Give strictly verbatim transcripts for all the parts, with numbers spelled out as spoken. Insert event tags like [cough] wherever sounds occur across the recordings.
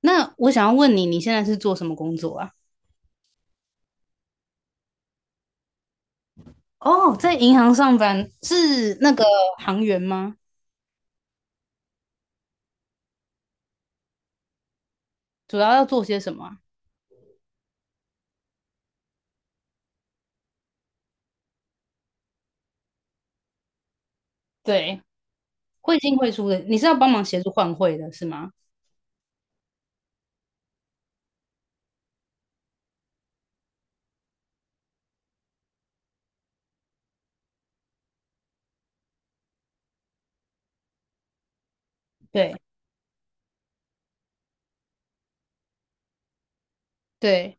那我想要问你，你现在是做什么工作啊？哦，在银行上班是那个行员吗？主要要做些什么啊？对，汇进汇出的，你是要帮忙协助换汇的是吗？对对，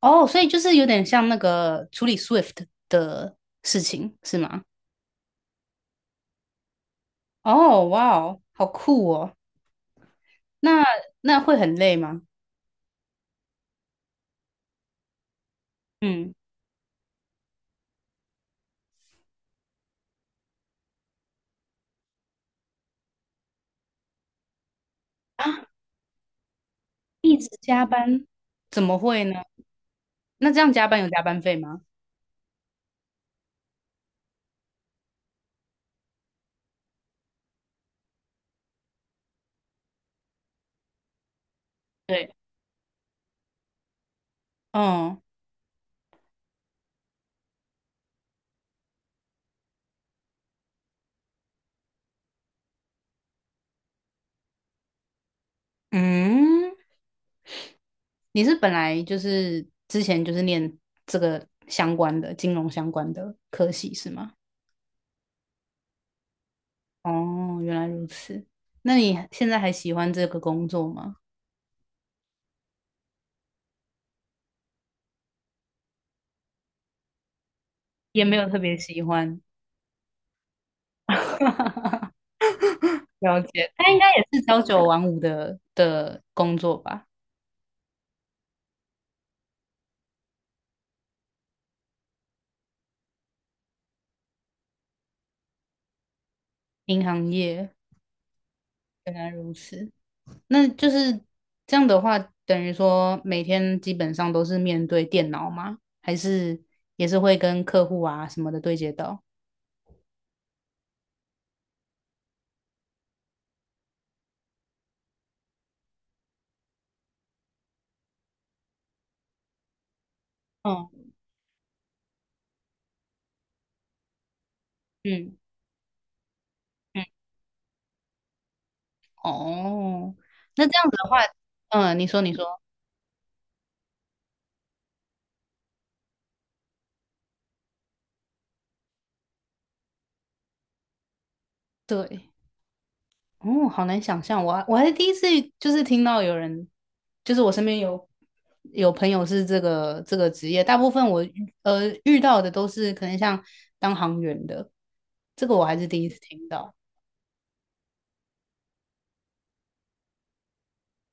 哦，所以就是有点像那个处理 S W I F T 的事情是吗？哦，哇哦，好酷哦！那那会很累吗？嗯啊，一直加班，怎么会呢？那这样加班有加班费吗？对，哦，嗯。你是本来就是之前就是念这个相关的金融相关的科系是吗？哦，原来如此。那你现在还喜欢这个工作吗？也没有特别喜欢，[laughs] 了解。他应该也是朝九晚五的的工作吧？银行业，原来如此。那就是这样的话，等于说每天基本上都是面对电脑吗？还是也是会跟客户啊什么的对接到？嗯嗯嗯哦，那这样子的话，嗯，你说你说，对，哦，好难想象，我还我还是第一次就是听到有人，就是我身边有有朋友是这个这个职业，大部分我遇呃遇到的都是可能像当航员的，这个我还是第一次听到。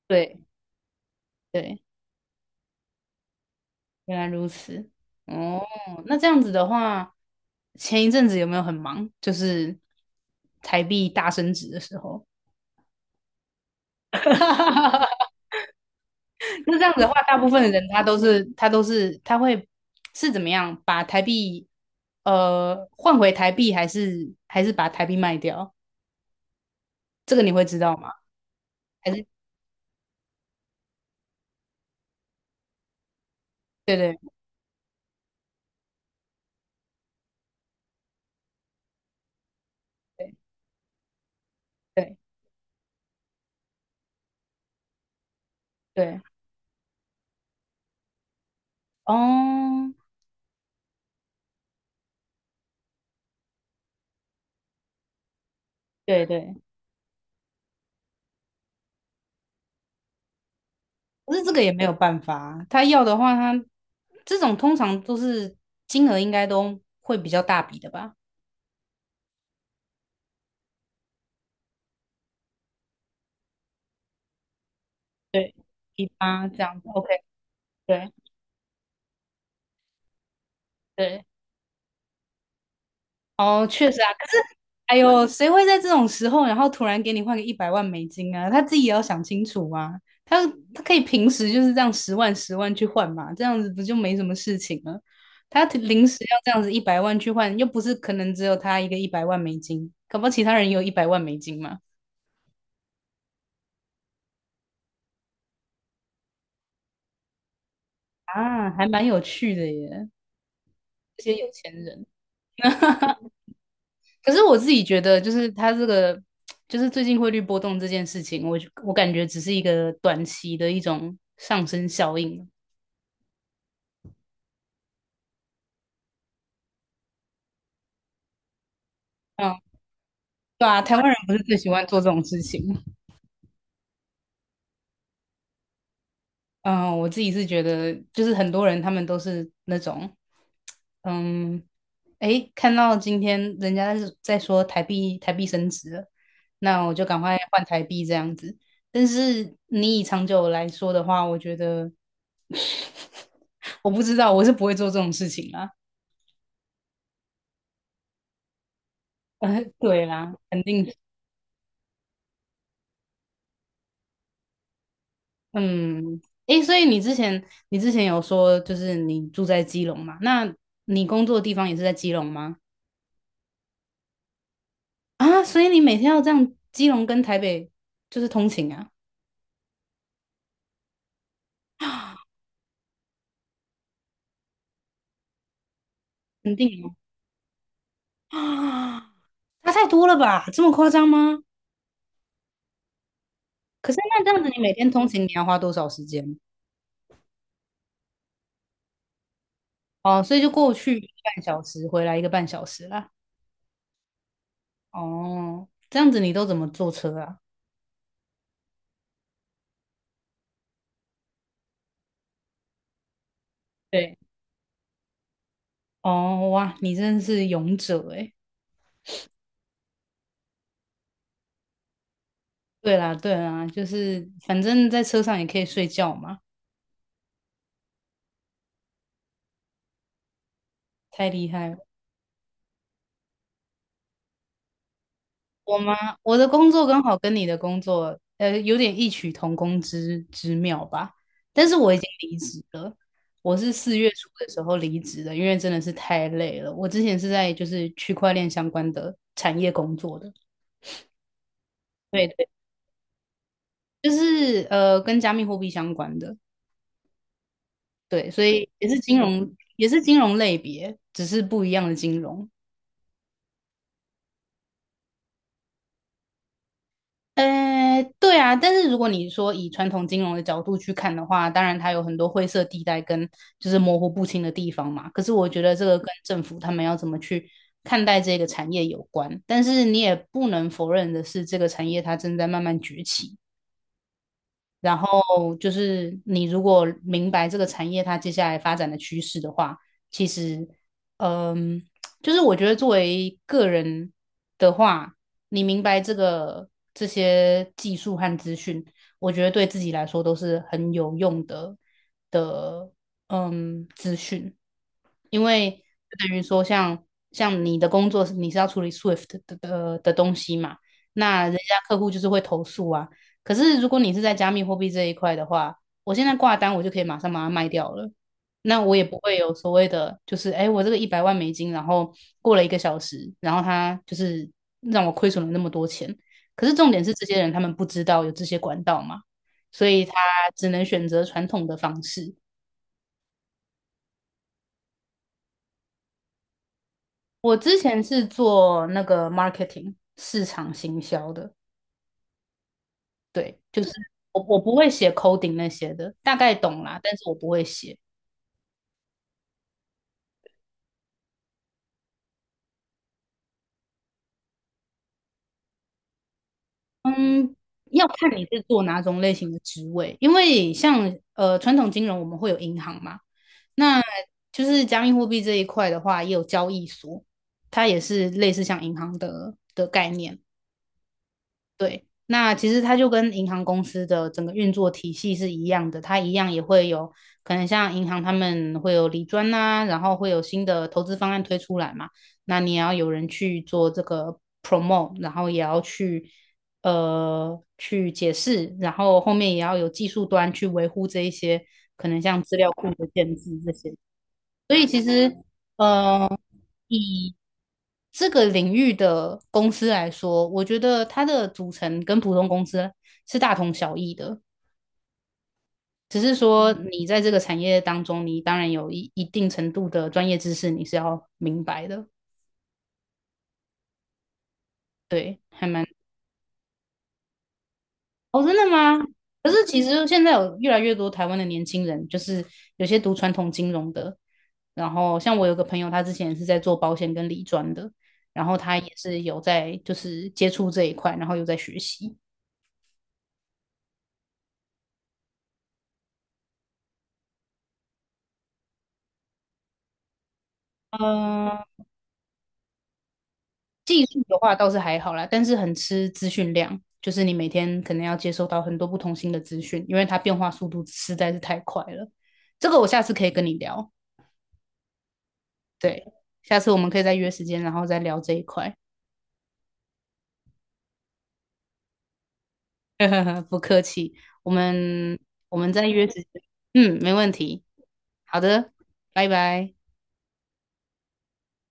对对，原来如此。哦，那这样子的话，前一阵子有没有很忙？就是台币大升值的时候。[laughs] 那这样子的话，大部分的人他都是他都是他会是怎么样把台币呃换回台币，还是还是把台币卖掉？这个你会知道吗？还是对对对对对哦，对对，可是这个也没有办法啊，他要的话他，这种通常都是金额应该都会比较大笔的吧？对，一八这样子，OK,对对。哦，确实啊，可是，哎呦，谁会在这种时候，然后突然给你换个一百万美金啊？他自己也要想清楚啊。他他可以平时就是这样十万十万去换嘛，这样子不就没什么事情了？他临时要这样子一百万去换，又不是可能只有他一个一百万美金，搞不好其他人也有一百万美金嘛。啊，还蛮有趣的耶，这些有钱人。[laughs] 可是我自己觉得，就是它这个，就是最近汇率波动这件事情，我我感觉只是一个短期的一种上升效应。嗯，对啊，台湾人不是最喜欢做这种事情。嗯，我自己是觉得，就是很多人他们都是那种，嗯，诶，看到今天人家是在说台币台币升值了，那我就赶快换台币这样子。但是你以长久来说的话，我觉得 [sniffs] 我不知道，我是不会做这种事情啊。呃，对啦，肯定是嗯，诶，所以你之前你之前有说就是你住在基隆嘛？那你工作的地方也是在基隆吗？啊，所以你每天要这样基隆跟台北就是通勤啊，肯定哦啊，差太多了吧？这么夸张吗？可是那这样子，你每天通勤你要花多少时间？哦，所以就过去一个半小时，回来一个半小时啦。哦，这样子你都怎么坐车啊？对，哦，哇，你真的是勇者诶。对啦，对啦，就是反正在车上也可以睡觉嘛，太厉害了。我吗？我的工作刚好跟你的工作，呃，有点异曲同工之之妙吧。但是我已经离职了，我是四月初的时候离职的，因为真的是太累了。我之前是在就是区块链相关的产业工作的，对，就是呃跟加密货币相关的，对，所以也是金融，也是金融类别，只是不一样的金融。呃，对啊，但是如果你说以传统金融的角度去看的话，当然它有很多灰色地带跟就是模糊不清的地方嘛。可是我觉得这个跟政府他们要怎么去看待这个产业有关，但是你也不能否认的是，这个产业它正在慢慢崛起。然后就是你如果明白这个产业它接下来发展的趋势的话，其实，嗯，就是我觉得作为个人的话，你明白这个这些技术和资讯，我觉得对自己来说都是很有用的的，嗯，资讯，因为就等于说像像你的工作是你是要处理 Swift 的的的东西嘛，那人家客户就是会投诉啊。可是如果你是在加密货币这一块的话，我现在挂单，我就可以马上把它卖掉了。那我也不会有所谓的，就是哎，我这个一百万美金，然后过了一个小时，然后它就是让我亏损了那么多钱。可是重点是，这些人他们不知道有这些管道嘛，所以他只能选择传统的方式。我之前是做那个 marketing 市场行销的，对，就是我我不会写 coding 那些的，大概懂啦，但是我不会写。嗯，要看你是做哪种类型的职位，因为像呃传统金融我们会有银行嘛，那就是加密货币这一块的话，也有交易所，它也是类似像银行的的概念。对，那其实它就跟银行公司的整个运作体系是一样的，它一样也会有可能像银行他们会有理专呐、然后会有新的投资方案推出来嘛，那你也要有人去做这个 promote,然后也要去呃去解释，然后后面也要有技术端去维护这一些可能像资料库的建制这些，所以其实呃以这个领域的公司来说，我觉得它的组成跟普通公司是大同小异的，只是说嗯你在这个产业当中，你当然有一一定程度的专业知识，你是要明白的。对，还蛮……哦，真的吗？可是其实现在有越来越多台湾的年轻人，就是有些读传统金融的，然后像我有个朋友，他之前是在做保险跟理专的，然后他也是有在就是接触这一块，然后有在学习。嗯。技术的话倒是还好啦，但是很吃资讯量，就是你每天可能要接收到很多不同新的资讯，因为它变化速度实在是太快了。这个我下次可以跟你聊，对，下次我们可以再约时间，然后再聊这一块。[laughs] 不客气，我们我们再约时间，嗯，没问题。好的，拜拜。